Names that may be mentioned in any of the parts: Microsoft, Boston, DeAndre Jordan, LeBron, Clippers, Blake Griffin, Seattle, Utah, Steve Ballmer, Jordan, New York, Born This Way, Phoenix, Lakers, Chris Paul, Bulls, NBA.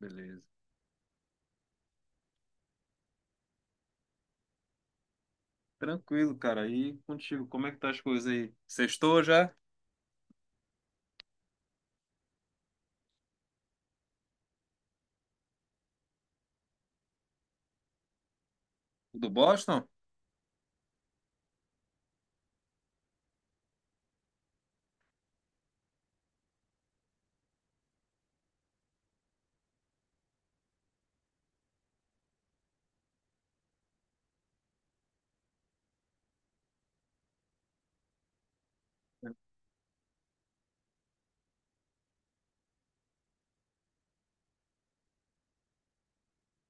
Beleza. Tranquilo, cara. E contigo, como é que tá as coisas aí? Sextou já? Do Boston?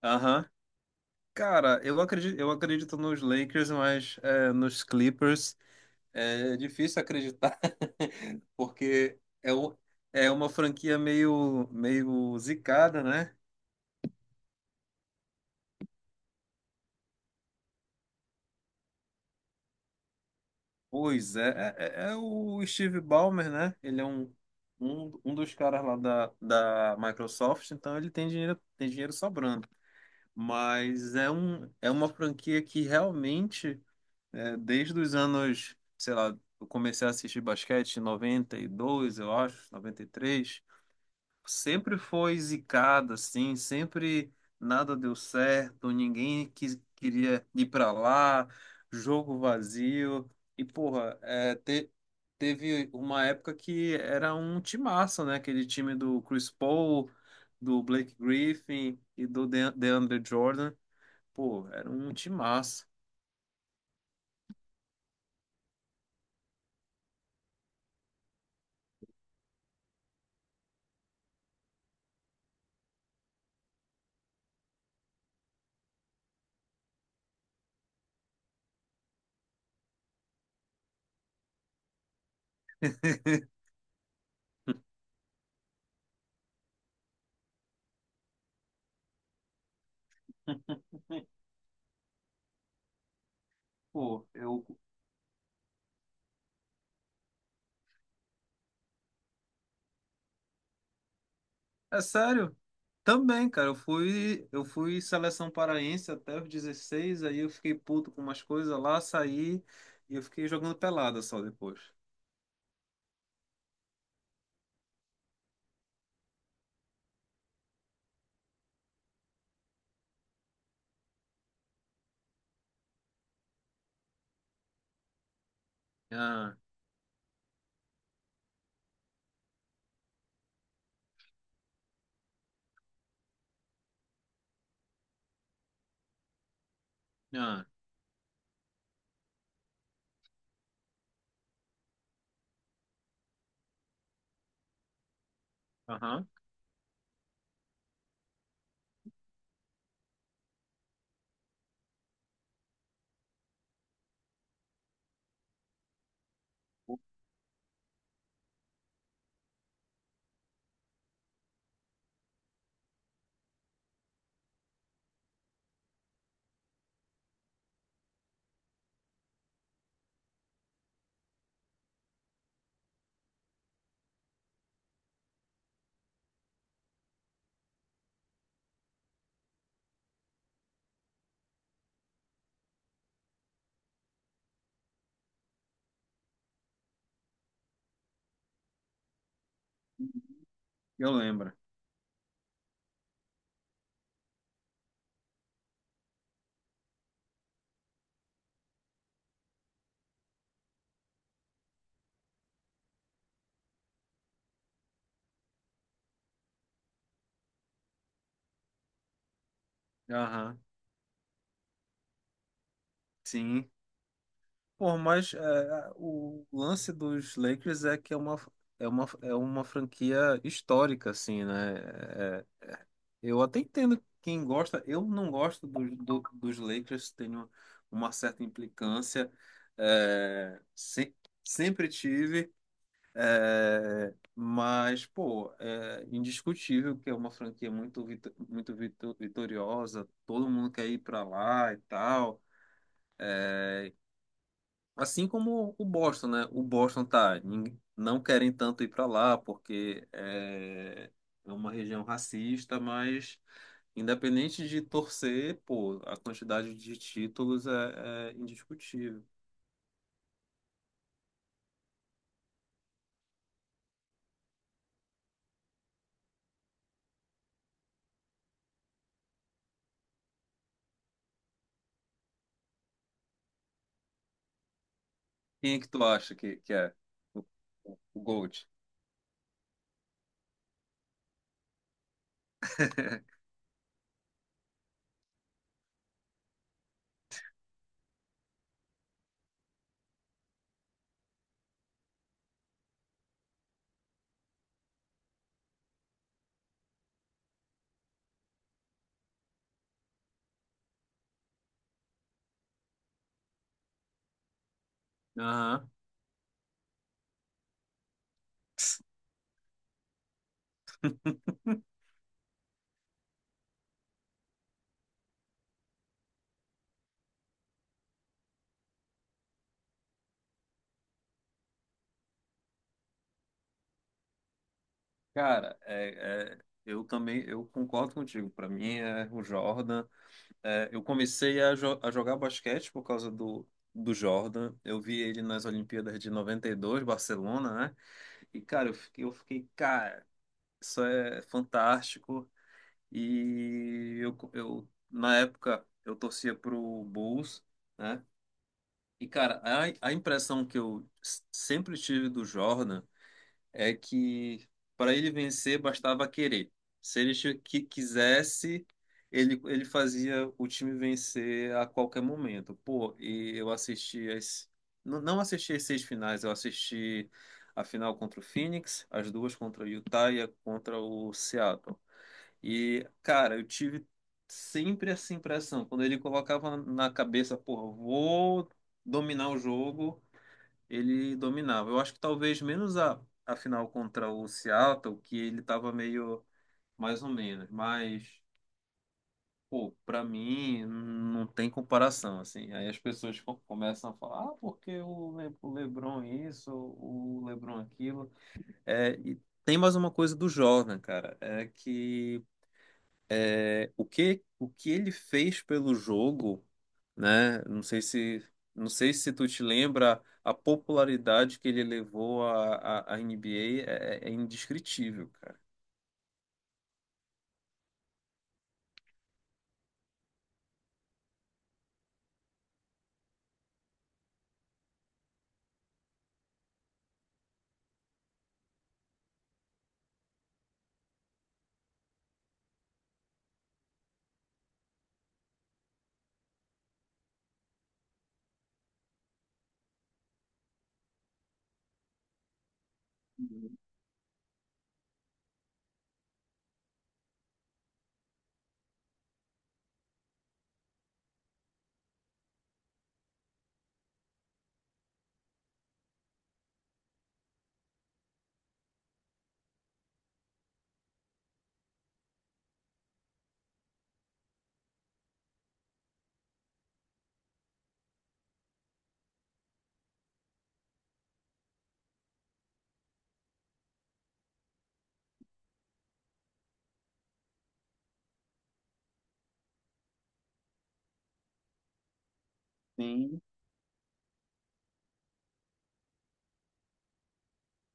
Aham. Cara, eu acredito nos Lakers, mas é, nos Clippers é difícil acreditar, porque é uma franquia meio zicada, né? Pois é, é o Steve Ballmer, né? Ele é um dos caras lá da Microsoft, então ele tem dinheiro sobrando. Mas é uma franquia que realmente, desde os anos, sei lá, eu comecei a assistir basquete em 92 eu acho, 93 sempre foi zicada, assim, sempre nada deu certo, ninguém quis, queria ir para lá, jogo vazio, e porra, teve uma época que era um timaço, né, aquele time do Chris Paul, do Blake Griffin e do DeAndre Jordan. Pô, era um time massa. Pô, eu. É sério? Também, cara. Eu fui seleção paraense até os 16, aí eu fiquei puto com umas coisas lá, saí e eu fiquei jogando pelada só depois. Ah, ah, aham. Eu lembro. Aham. Sim. Pô, mas é, o lance dos Lakers é que é uma franquia histórica, assim, né? Eu até entendo quem gosta. Eu não gosto dos Lakers, tenho uma certa implicância. É, sempre tive. É, mas, pô, é indiscutível que é uma franquia muito vitoriosa. Todo mundo quer ir pra lá e tal. Assim como o Boston, né? O Boston tá. Não querem tanto ir pra lá porque é, é uma região racista, mas. Independente de torcer, pô, a quantidade de títulos é indiscutível. Quem é que tu acha que é o, o GOAT? Aham. Cara, é, é, eu também eu concordo contigo. Para mim é o Jordan. É, eu comecei a jogar basquete por causa do Jordan. Eu vi ele nas Olimpíadas de 92, Barcelona, né? E, cara, eu fiquei, cara, isso é fantástico. E eu na época, eu torcia pro Bulls, né? E, cara, a impressão que eu sempre tive do Jordan é que para ele vencer bastava querer. Se ele que quisesse, ele fazia o time vencer a qualquer momento. Pô, e eu assisti as. Não assisti as seis finais, eu assisti a final contra o Phoenix, as duas contra o Utah e a contra o Seattle. E, cara, eu tive sempre essa impressão. Quando ele colocava na cabeça, porra, vou dominar o jogo, ele dominava. Eu acho que talvez menos a final contra o Seattle, que ele tava meio mais ou menos. Mas, pô, pra mim não tem comparação, assim. Aí as pessoas começam a falar, ah, porque o LeBron isso, o LeBron aquilo. É, e tem mais uma coisa do Jordan, cara, é que o que ele fez pelo jogo, né? Não sei se tu te lembra a popularidade que ele levou à NBA é indescritível, cara. Sim,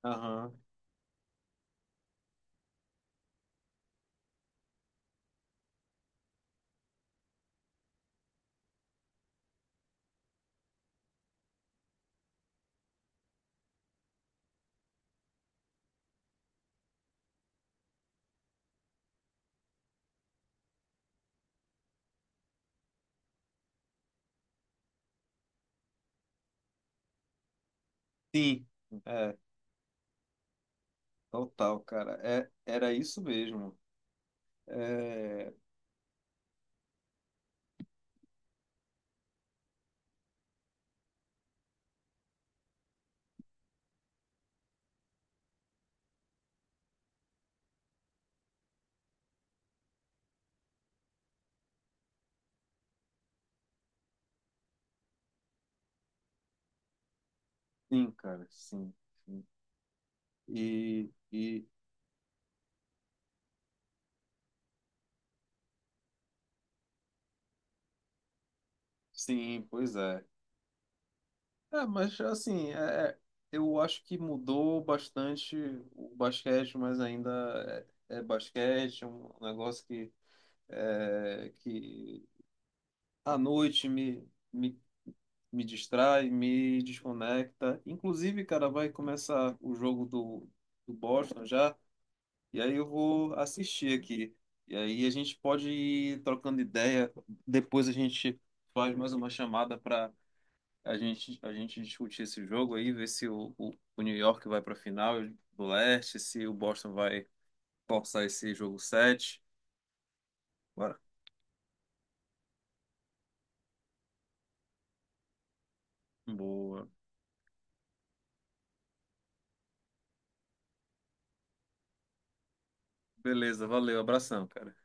aham. Sim, é, total, cara. É, era isso mesmo. É, sim, cara, sim, sim. E sim, pois é. É, mas assim, é- eu acho que mudou bastante o basquete, mas ainda é basquete, é um negócio que, que à noite me distrai, me desconecta. Inclusive, cara, vai começar o jogo do Boston já, e aí eu vou assistir aqui. E aí a gente pode ir trocando ideia, depois a gente faz mais uma chamada para a gente discutir esse jogo aí, ver se o New York vai para a final do leste, se o Boston vai forçar esse jogo 7. Bora. Boa. Beleza, valeu, abração, cara.